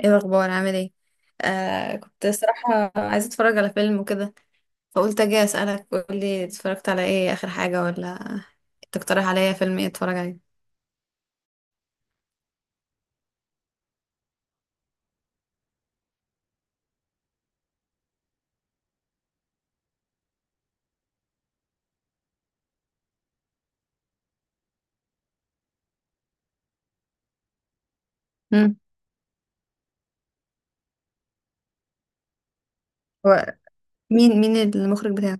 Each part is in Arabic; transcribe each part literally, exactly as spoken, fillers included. ايه الاخبار؟ عامل ايه؟ آه كنت صراحة عايزة اتفرج على فيلم وكده، فقلت اجي اسألك، قولي اتفرجت على ايه اخر حاجة؟ ولا تقترح عليا فيلم ايه اتفرج عليه؟ امم. هو مين مين المخرج بتاعه؟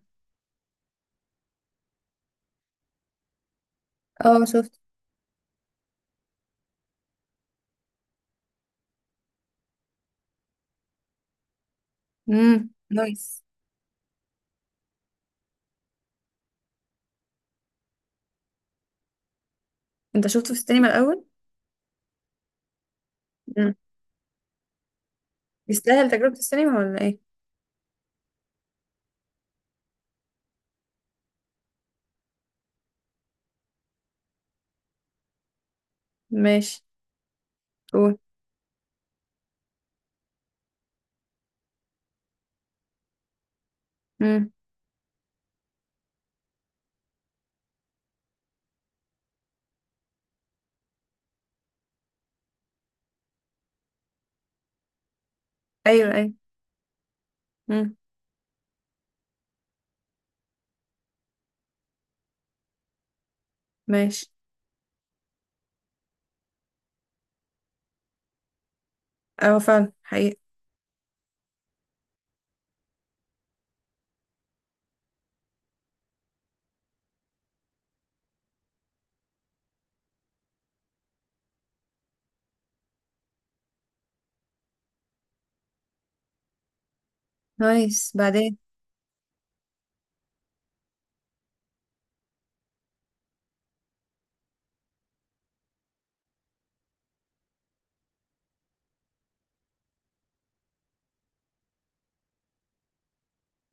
اه، شفت. امم، نايس. انت شفته في السينما الاول؟ امم. يستاهل تجربة السينما ولا ايه؟ ماشي. قول. امم. ايوه، ايوه. امم. ماشي. اه، فعلا حقيقي. نايس، بعدين.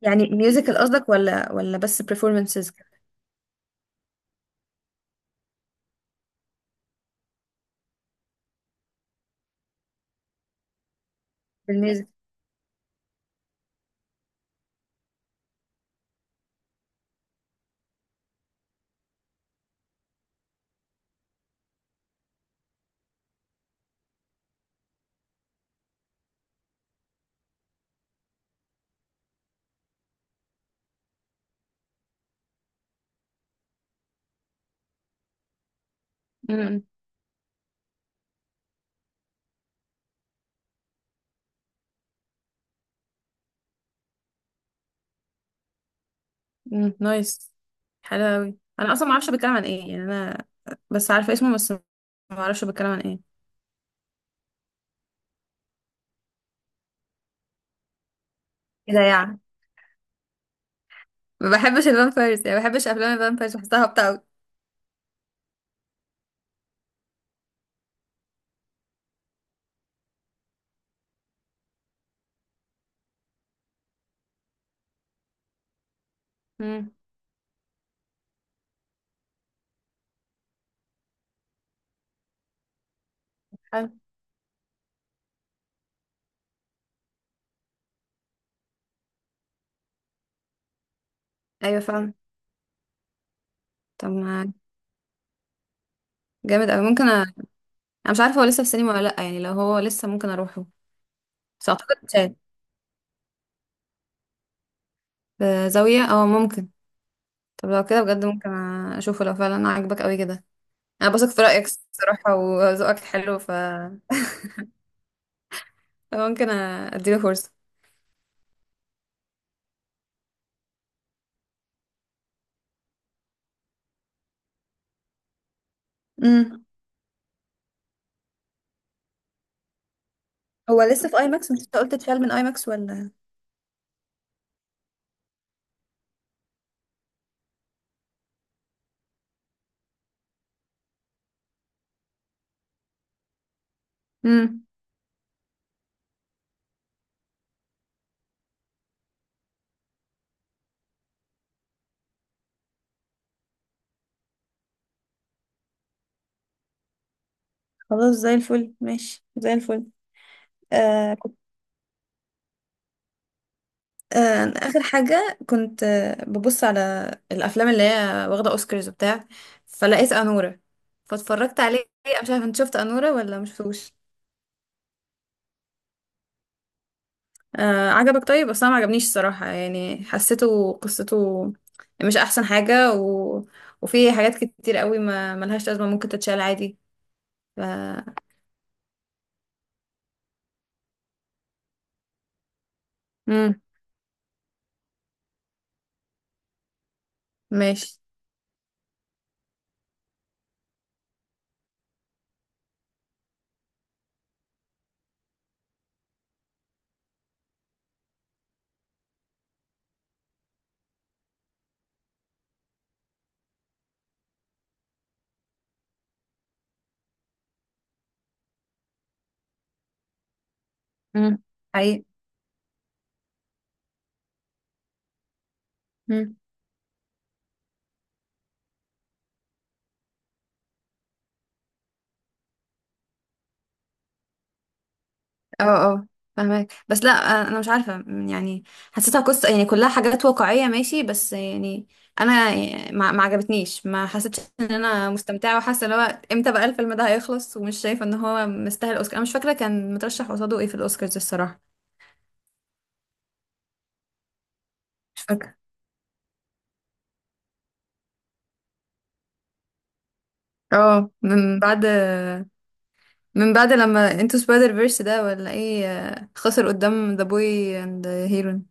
يعني ميوزيكال قصدك ولا ولا بس performances؟ بالميوزك؟ مم، نايس. حلو قوي، انا اصلا ما اعرفش بيتكلم عن ايه، يعني انا بس عارفه اسمه بس ما اعرفش بيتكلم عن ايه. كده يعني. ما بحبش الفامبيرز، يعني ما بحبش افلام الفامبيرز، بحسها هابطه قوي. امم. حلو. ايوه فعلا. طب ما، جامد قوي، ممكن أ... انا مش عارفه هو لسه في السينما ولا لا، يعني لو هو لسه ممكن اروحه. بس اعتقد شاهد، بزاويه، اه ممكن. طب لو كده بجد، ممكن اشوفه لو فعلا عاجبك قوي كده. انا بثق في رايك الصراحه، وذوقك حلو، ف ممكن أ- اديله فرصه. امم. هو لسه في اي ماكس؟ انت لسه قلت اتفعل من اي ماكس ولا؟ امم. خلاص زي الفل، ماشي زي الفل. آه كنت آه اخر حاجه كنت آه ببص على الافلام اللي هي واخده اوسكارز وبتاع، فلقيت انوره، فاتفرجت عليه. أنا مش عارفه انت شفت انوره ولا ما شفتوش؟ آه، عجبك؟ طيب بس انا ما عجبنيش الصراحه، يعني حسيته قصته مش احسن حاجه، و وفي حاجات كتير قوي ما ملهاش لازمه، ممكن تتشال عادي. ف امم، ماشي. امم، حقيقي. اه، اه، فاهمك بس لا. آه، انا مش عارفه يعني، حسيتها قصه، يعني كلها حاجات واقعيه، ماشي، بس يعني انا ما ما عجبتنيش، ما حسيتش ان انا مستمتعه، وحاسه ان هو امتى بقى الفيلم ده هيخلص، ومش شايفه ان هو مستاهل اوسكار. انا مش فاكره كان مترشح قصاده ايه في الاوسكارز الصراحه. مش فاكره. اه، من بعد، من بعد لما انتو سبايدر فيرس ده ولا ايه، آه، خسر قدام ذا بوي اند هيرون.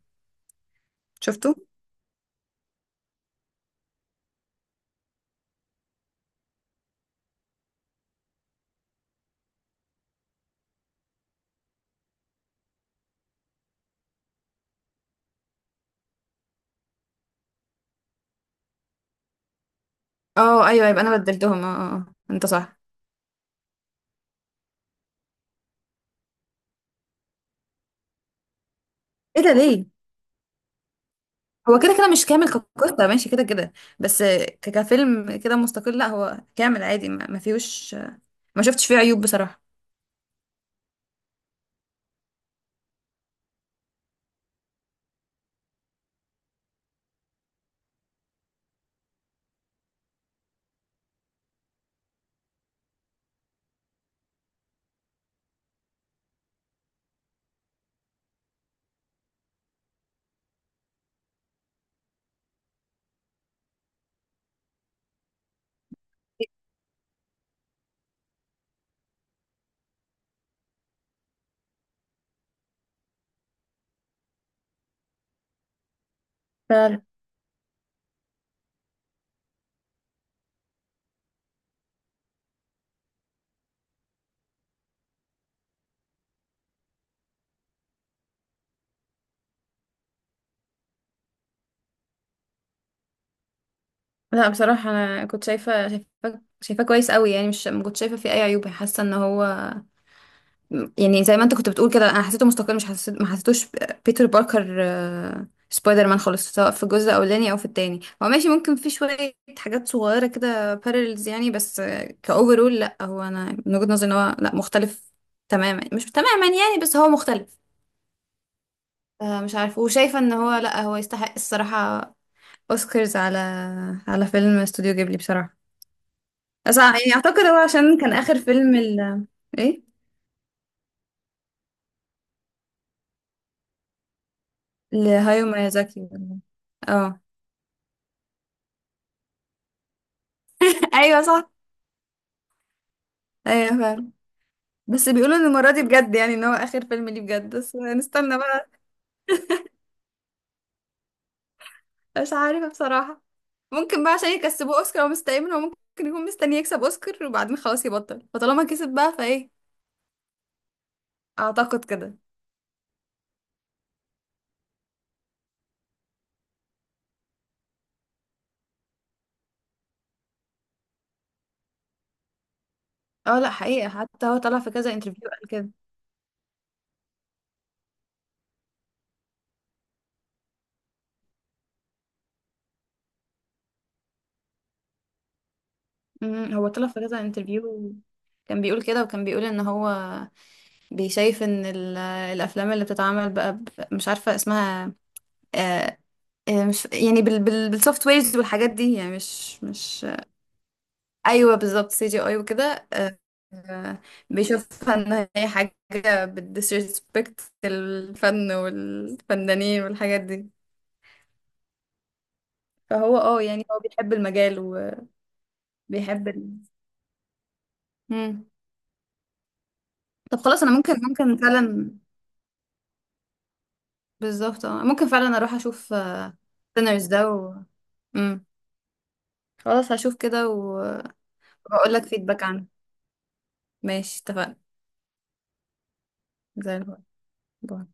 شفته؟ اه ايوه، يبقى انا بدلتهم. اه اه آه، انت صح. ايه ده؟ ليه؟ هو كده كده مش كامل كقصة، ماشي كده كده، بس ك- كفيلم كده مستقل لا هو كامل عادي، ما ما فيهوش، ما شفتش فيه عيوب بصراحة. فعلا. لا بصراحة انا كنت شايفة، شايفاه شايفاه كويس قوي، يعني مش، ما كنت شايفة فيه اي عيوب، حاسة ان هو، يعني زي ما انت كنت بتقول كده، انا حسيته مستقل، مش حسيت ما حسيتوش ب- بيتر باركر، آه، سبايدر مان خالص، سواء في الجزء الاولاني او في التاني. هو ماشي، ممكن في شويه حاجات صغيره كده بارلز يعني، بس كاوفرول لا هو انا من وجهه نظري ان هو لا مختلف تماما، مش تماما يعني، بس هو مختلف. آه، مش عارف، وشايفه ان هو لا، هو يستحق الصراحه اوسكارز على على فيلم استوديو جيبلي بصراحه. بس يعني اعتقد هو عشان كان اخر فيلم ال ايه، لهايو ميازاكي. اه. ايوه صح. ايوه فعلا. بس بيقولوا ان المرة دي بجد، يعني ان هو اخر فيلم ليه بجد، بس نستنى بقى. مش عارفة بصراحة. ممكن بقى عشان يكسبوه اوسكار، هو مستني منه، هو ممكن يكون مستني يكسب اوسكار وبعدين خلاص يبطل، فطالما كسب بقى فايه. اعتقد كده. اه لا، حقيقة حتى هو طلع في كذا انترفيو قال كده. امم، هو طلع في كذا انترفيو، كان بيقول كده، وكان بيقول ان هو بيشايف ان ال- آه، الافلام اللي بتتعمل بقى ب- مش عارفة اسمها، آه، آه، مش يعني بالسوفت ويرز والحاجات دي، يعني مش مش ايوه بالظبط، سي جي اي وكده. آه، آه، بيشوفها ان هي حاجه بتديسريسبكت الفن والفنانين والحاجات دي. فهو اه يعني هو بيحب المجال وبيحب ال... مم. طب خلاص انا ممكن ممكن فعلا. بالظبط، اه ممكن فعلا اروح اشوف سينرز ده و... مم. خلاص، هشوف كده، وهقول لك فيدباك عنه. ماشي، اتفقنا. زي الفل. باي.